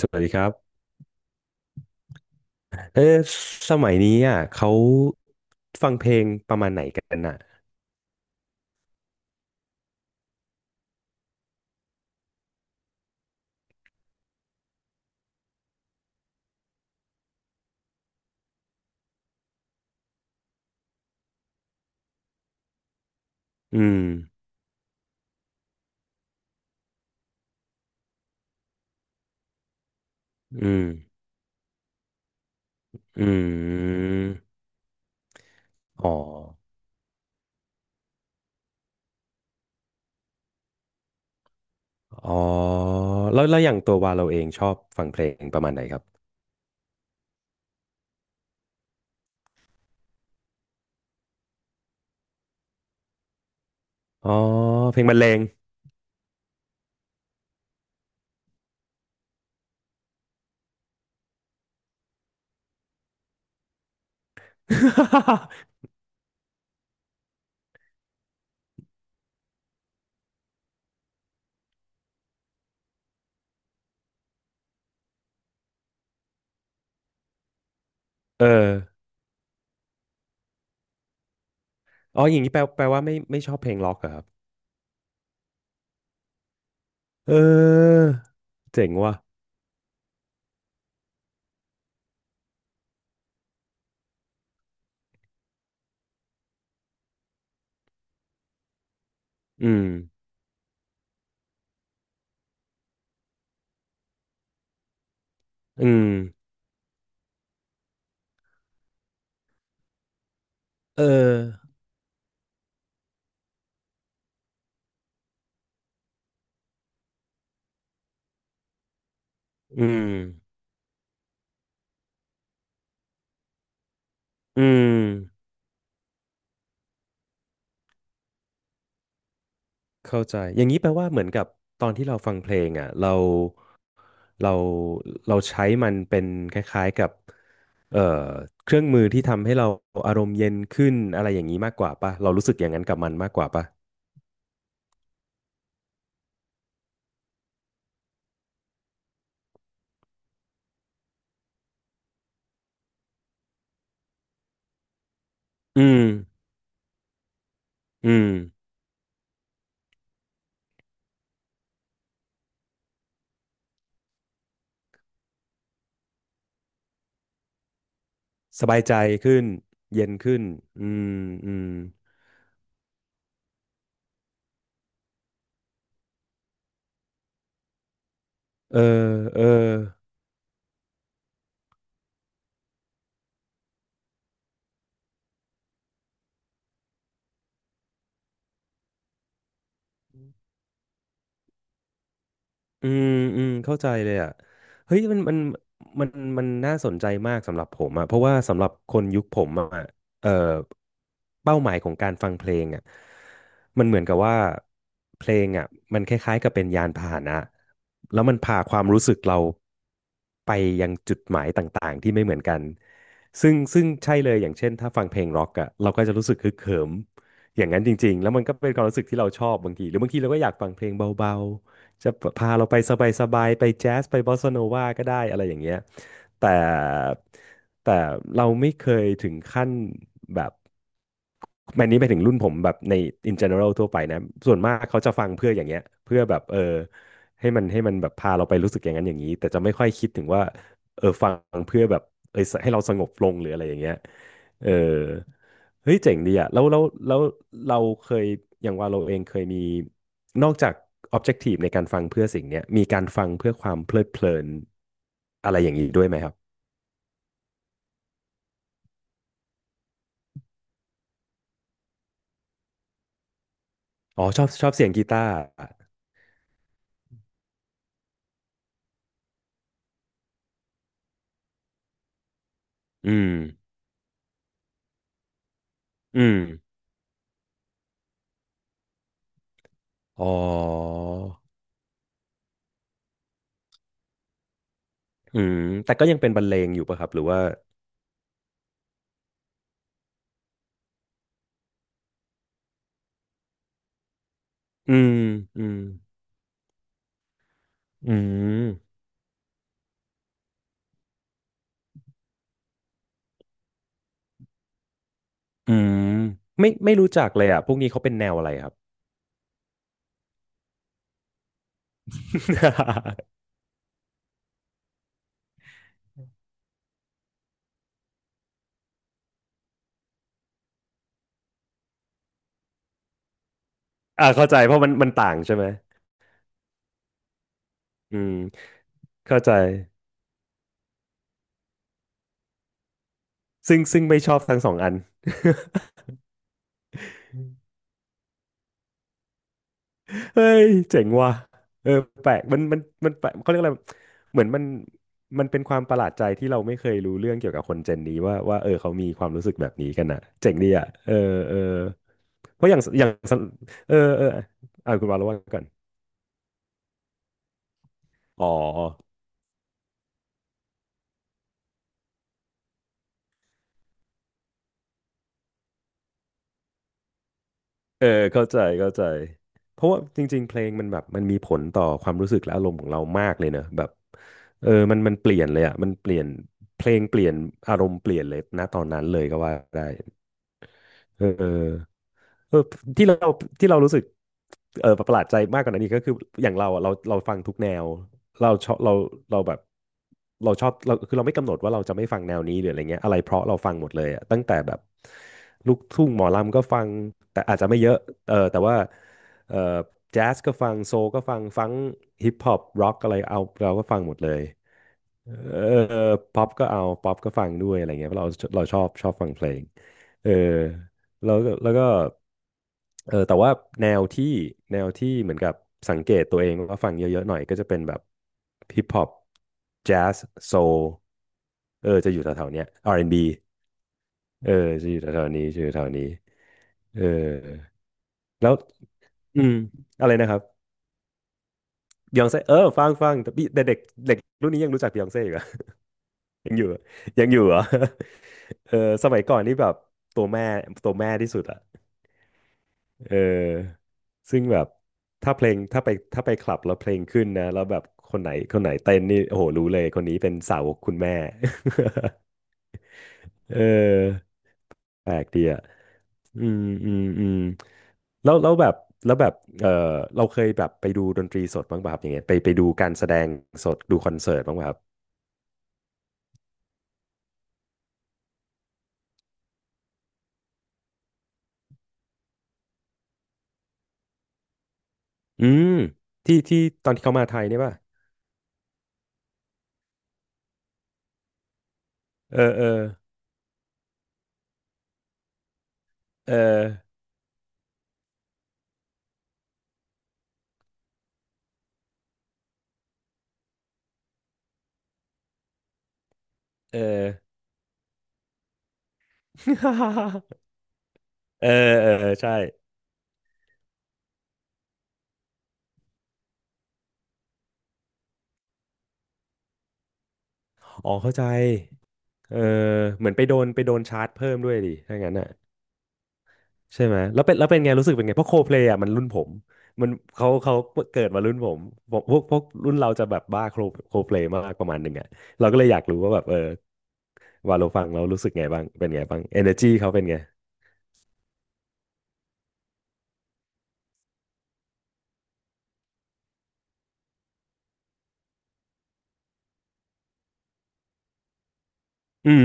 สวัสดีครับเออสมัยนี้อ่ะเขาฟังเพลงประมาณไหนกันอ่ะอืมอืมอืมอ๋ออ๋อแล้วอย่างตัววาเราเองชอบฟังเพลงประมาณไหนครับอ๋อเพลงบรรเลง เอออ๋ออย่างนี้แปลว่าไม่ชอบเพลงล็อกเหรอครับเออเจ๋งว่ะอืมอืมเอออืมอืม เข้าใจอย่างนี้แปลว่าเหมือนกับตอนที่เราฟังเพลงอ่ะเราเราใช้มันเป็นคล้ายๆกับเอ่อเครื่องมือที่ทำให้เราอารมณ์เย็นขึ้นอะไรอย่างนี้มากกว่าป่ะเรารู้สึกอย่างนั้นกับมันมากกว่าป่ะอืมอืม สบายใจขึ้น เย็นขึ้น อืมอืมเออเออ อืมเข้าใจเลยอ่ะเฮ้ยมันมันน่าสนใจมากสำหรับผมอ่ะเพราะว่าสำหรับคนยุคผมอ่ะเอ่อเป้าหมายของการฟังเพลงอ่ะมันเหมือนกับว่าเพลงอ่ะมันคล้ายๆกับเป็นยานพาหนะแล้วมันพาความรู้สึกเราไปยังจุดหมายต่างๆที่ไม่เหมือนกันซึ่งใช่เลยอย่างเช่นถ้าฟังเพลงร็อกอ่ะเราก็จะรู้สึกฮึกเหิมอย่างนั้นจริงๆแล้วมันก็เป็นความรู้สึกที่เราชอบบางทีหรือบางทีเราก็อยากฟังเพลงเบาๆ จะพาเราไปสบายๆไปแจ๊สไปบอสซาโนวาก็ได้อะไรอย่างเงี้ยแต่แต่เราไม่เคยถึงขั้นแบบแมนนี้ไปถึงรุ่นผมแบบใน in general ทั่วไปนะส่วนมากเขาจะฟังเพื่ออย่างเงี้ยเพื่อแบบเออให้มันแบบพาเราไปรู้สึกอย่างนั้นอย่างนี้แต่จะไม่ค่อยคิดถึงว่าเออฟังเพื่อแบบเออให้เราสงบลงหรืออะไรอย่างเงี้ยเออเฮ้ยเจ๋งดีอ่ะแล้วเราเคยอย่างว่าเราเองเคยมี นอกจาก objective ในการฟังเพื่อสิ่งเนี้ยมีการฟังเพื่อความเพลิดเพลินอะไรอย่างนี้ด้วยไหมครับอ๋อชอบเสียงกีตาร์อืมอืมอ๋ออืมแต่ก็ยังเป็นบรรเลงอยู่ป่ะครับหรือว่าอืมอืมอืมอืมไม่รู้จักเลยอ่ะพวกนี้เขาเป็นแนวอะไรครับ อ่าเข้าใจเพราะมันต่างใช่ไหมอืมเข้าใจซึ่งไม่ชอบทั้งสองอัน เฮ้ยเจ๋งว่ะเออแปลกมันแปลกเขาเรียกอะไรเหมือนมันเป็นความประหลาดใจที่เราไม่เคยรู้เรื่องเกี่ยวกับคนเจนนี้ว่าเออเขามีความรู้สึกแบบนี้กันอ่ะเจ๋งดีอ่ะเออเออเพราะอย่างเออเอออ่ะคุณวาแล้วว่าก่อนอ๋อเออเข้าใจเพราะว่าจริงๆเพลงมันแบบมันมีผลต่อความรู้สึกและอารมณ์ของเรามากเลยเนอะแบบเออมันเปลี่ยนเลยอ่ะมันเปลี่ยนเพลงเปลี่ยนอารมณ์เปลี่ยนเลยณตอนนั้นเลยก็ว่าได้เออ เออที่เราที่เรารู้สึกเออประหลาดใจมากกว่านั้นอีกก็คืออย่างเราอะเราฟังทุกแนวเราชอบเราเราแบบเราชอบเราคือเราไม่กำหนดว่าเราจะไม่ฟังแนวนี้หรืออะไรเงี้ยอะไรเพราะเราฟังหมดเลยอะตั้งแต่แบบลูกทุ่งหมอลำก็ฟังแต่อาจจะไม่เยอะเออแต่ว่าเออแจ๊สก็ฟังโซลก็ฟังฮิปฮอปร็อกอะไรเอาเราก็ฟังหมดเลยเออป๊อปก็เอาป๊อปก็ฟังด้วยอะไรเงี้ยเพราะเราเราชอบฟังเพลงเออแล้วก็ เออแต่ว่าแนวที่แนวที่เหมือนกับสังเกตตัวเองว่าฟังเยอะๆหน่อยก็จะเป็นแบบฮิปฮอปแจ๊สโซลเออจะอยู่แถวๆเนี้ย R&B เออจะอยู่แถวๆนี้จะอยู่แถวนี้เออแล้วอืมอะไรนะครับบ e y องเซ่เออฟังแต่พี่แต่เด็กเด็กรุ่นนี้ยังรู้จักบ e y องเซ่อยู่เหรอ ยังอยู่ยังอยู่เหรอ เออสมัยก่อนนี่แบบตัวแม่ตัวแม่ที่สุดอะ เออซึ่งแบบถ้าเพลงถ้าไปถ้าไปคลับแล้วเพลงขึ้นนะแล้วแบบคนไหนเต้นนี่โอ้โหรู้เลยคนนี้เป็นสาวกคุณแม่ เออแปลกดีอ่ะอืมอืมอืมแล้วแล้วแบบแล้วแบบเออเราเคยแบบไปดูดนตรีสดบ้างป่ะครับอย่างเงี้ยไปดูการแสดงสดดูคอนเสิร์ตบ้างป่ะครับอืมที่ที่ตอนที่เขามาไทยเนี่ยป่ะเออเออเออเออ เออ เออเออใช่อ๋อเข้าใจ เออเหมือนไปโดนชาร์จเพิ่มด้วยดิถ้างั้นอ่ะใช่ไหมแล้วเป็นไงรู้สึกเป็นไงเพราะโคเพลย์อ่ะมันรุ่นผมมันเขาเกิดมารุ่นผมพวกรุ่นเราจะแบบบ้าโคเพลย์มากประมาณหนึ่งอ่ะเราก็เลยอยากรู้ว่าแบบเออวาโลฟังเรารู้สึกไงบ้างเป็นไงบ้างเอเนอร์จีเขาเป็นไงอืม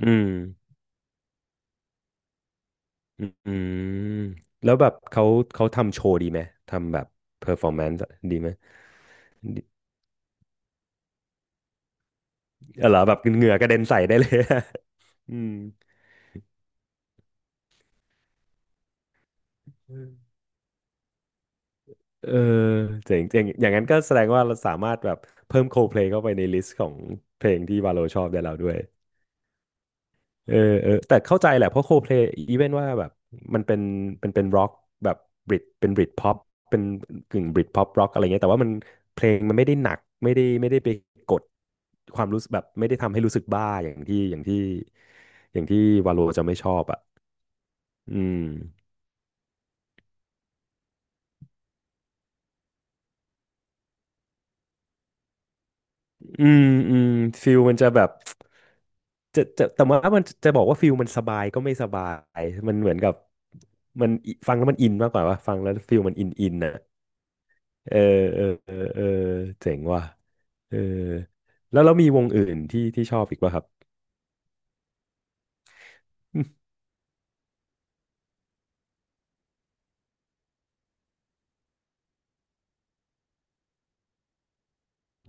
อืมอืมแล้วแบบเขาทำโชว์ดีไหมทำแบบเพอร์ฟอร์แมนซ์ดีไหมดีเออเหรอแบบเหงื่อกระเด็นใส่ได้เลย อืม เออเจ๋งเจ๋งอย่างนั้นก็แสดงว่าเราสามารถแบบเพิ่ม Coldplay เข้าไปในลิสต์ของเพลงที่วาโลชอบได้แล้วด้วยเออเออแต่เข้าใจแหละเพราะ Coldplay อีเวนว่าแบบมันเป็นเป็นร็อกแบบบริตเป็นบริตพ็อปเป็นกึ่งบริตพ็อปร็อกอะไรเงี้ยแต่ว่ามันเพลงมันไม่ได้หนักไม่ได้ไปกดความรู้สึกแบบไม่ได้ทำให้รู้สึกบ้าอย่างที่วาโลจะไม่ชอบอ่ะอืม อืมอืมฟิลมันจะแบบจะแต่ว่ามันจะบอกว่าฟิลมันสบายก็ไม่สบายมันเหมือนกับมันอิฟังแล้วมันอินมากกว่าว่าฟังแล้วฟิลมันอินน่ะเออเออเออเออเจ๋งว่ะเออแล้วเรามีวงอื่นที่ชอบอีกป่ะครับ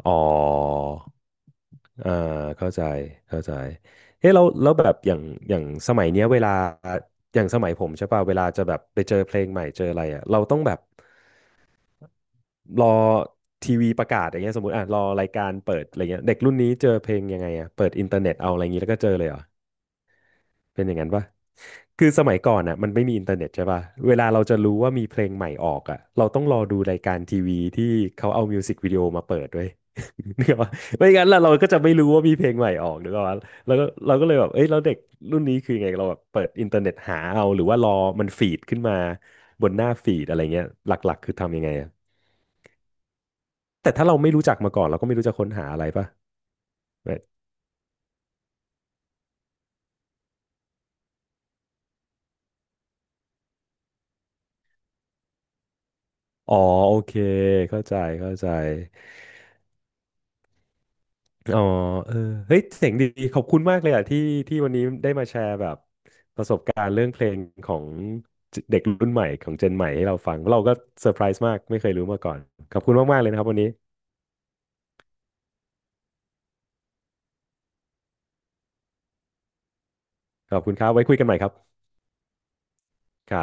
อ๋ออ่าเข้าใจเข้าใจเฮ้ยเรา้แล้วแบบอย่างอย่างสมัยเนี้ยเวลาอย่างสมัยผมใช่ป่ะเวลาจะแบบไปเจอเพลงใหม่เจออะไรอ่ะเราต้องแบบ รอทีวีประกาศอย่างเงี้ยสมมติอ่ะรอรายการเปิดอะไรเงี้ยเด็กรุ่นนี้เจอเพลงยังไงอ่ะเปิดอินเทอร์เน็ตเอาอะไรอย่างงี้แล้วก็เจอเลยเหรอเป็นอย่างนั้นปะคือสมัยก่อนอ่ะมันไม่มีอินเทอร์เน็ตใช่ปะเวลาเราจะรู้ว่ามีเพลงใหม่ออกอ่ะเราต้องรอดูรายการทีวีที่เขาเอามิวสิกวิดีโอมาเปิดด้วย นึกออกปะไม่งั้นเราก็จะไม่รู้ว่ามีเพลงใหม่ออกนึกออกปะแล้วก็เราก็เลยแบบเอ้ยแล้วเด็กรุ่นนี้คือไงเราแบบเปิดอินเทอร์เน็ตหาเอาหรือว่ารอมันฟีดขึ้นมาบนหน้าฟีดอะไรเงี้ยหลักๆคือทำยังไงอะ แต่ถ้าเราไม่รู้จักมาก่อนเราก็ไม่รู้จะค้นหาอะไรป่ะแบบอ๋อโอเคเข้าใจเข้าใจอ๋อเออเฮ้ยเสียงดีขอบคุณมากเลยอ่ะที่วันนี้ได้มาแชร์แบบประสบการณ์เรื่องเพลงของเด็กรุ่นใหม่ของเจนใหม่ให้เราฟังเราก็เซอร์ไพรส์มากไม่เคยรู้มาก่อนขอบคุณมากๆเลยนะครับวันนี้ขอบคุณครับไว้คุยกันใหม่ครับครับ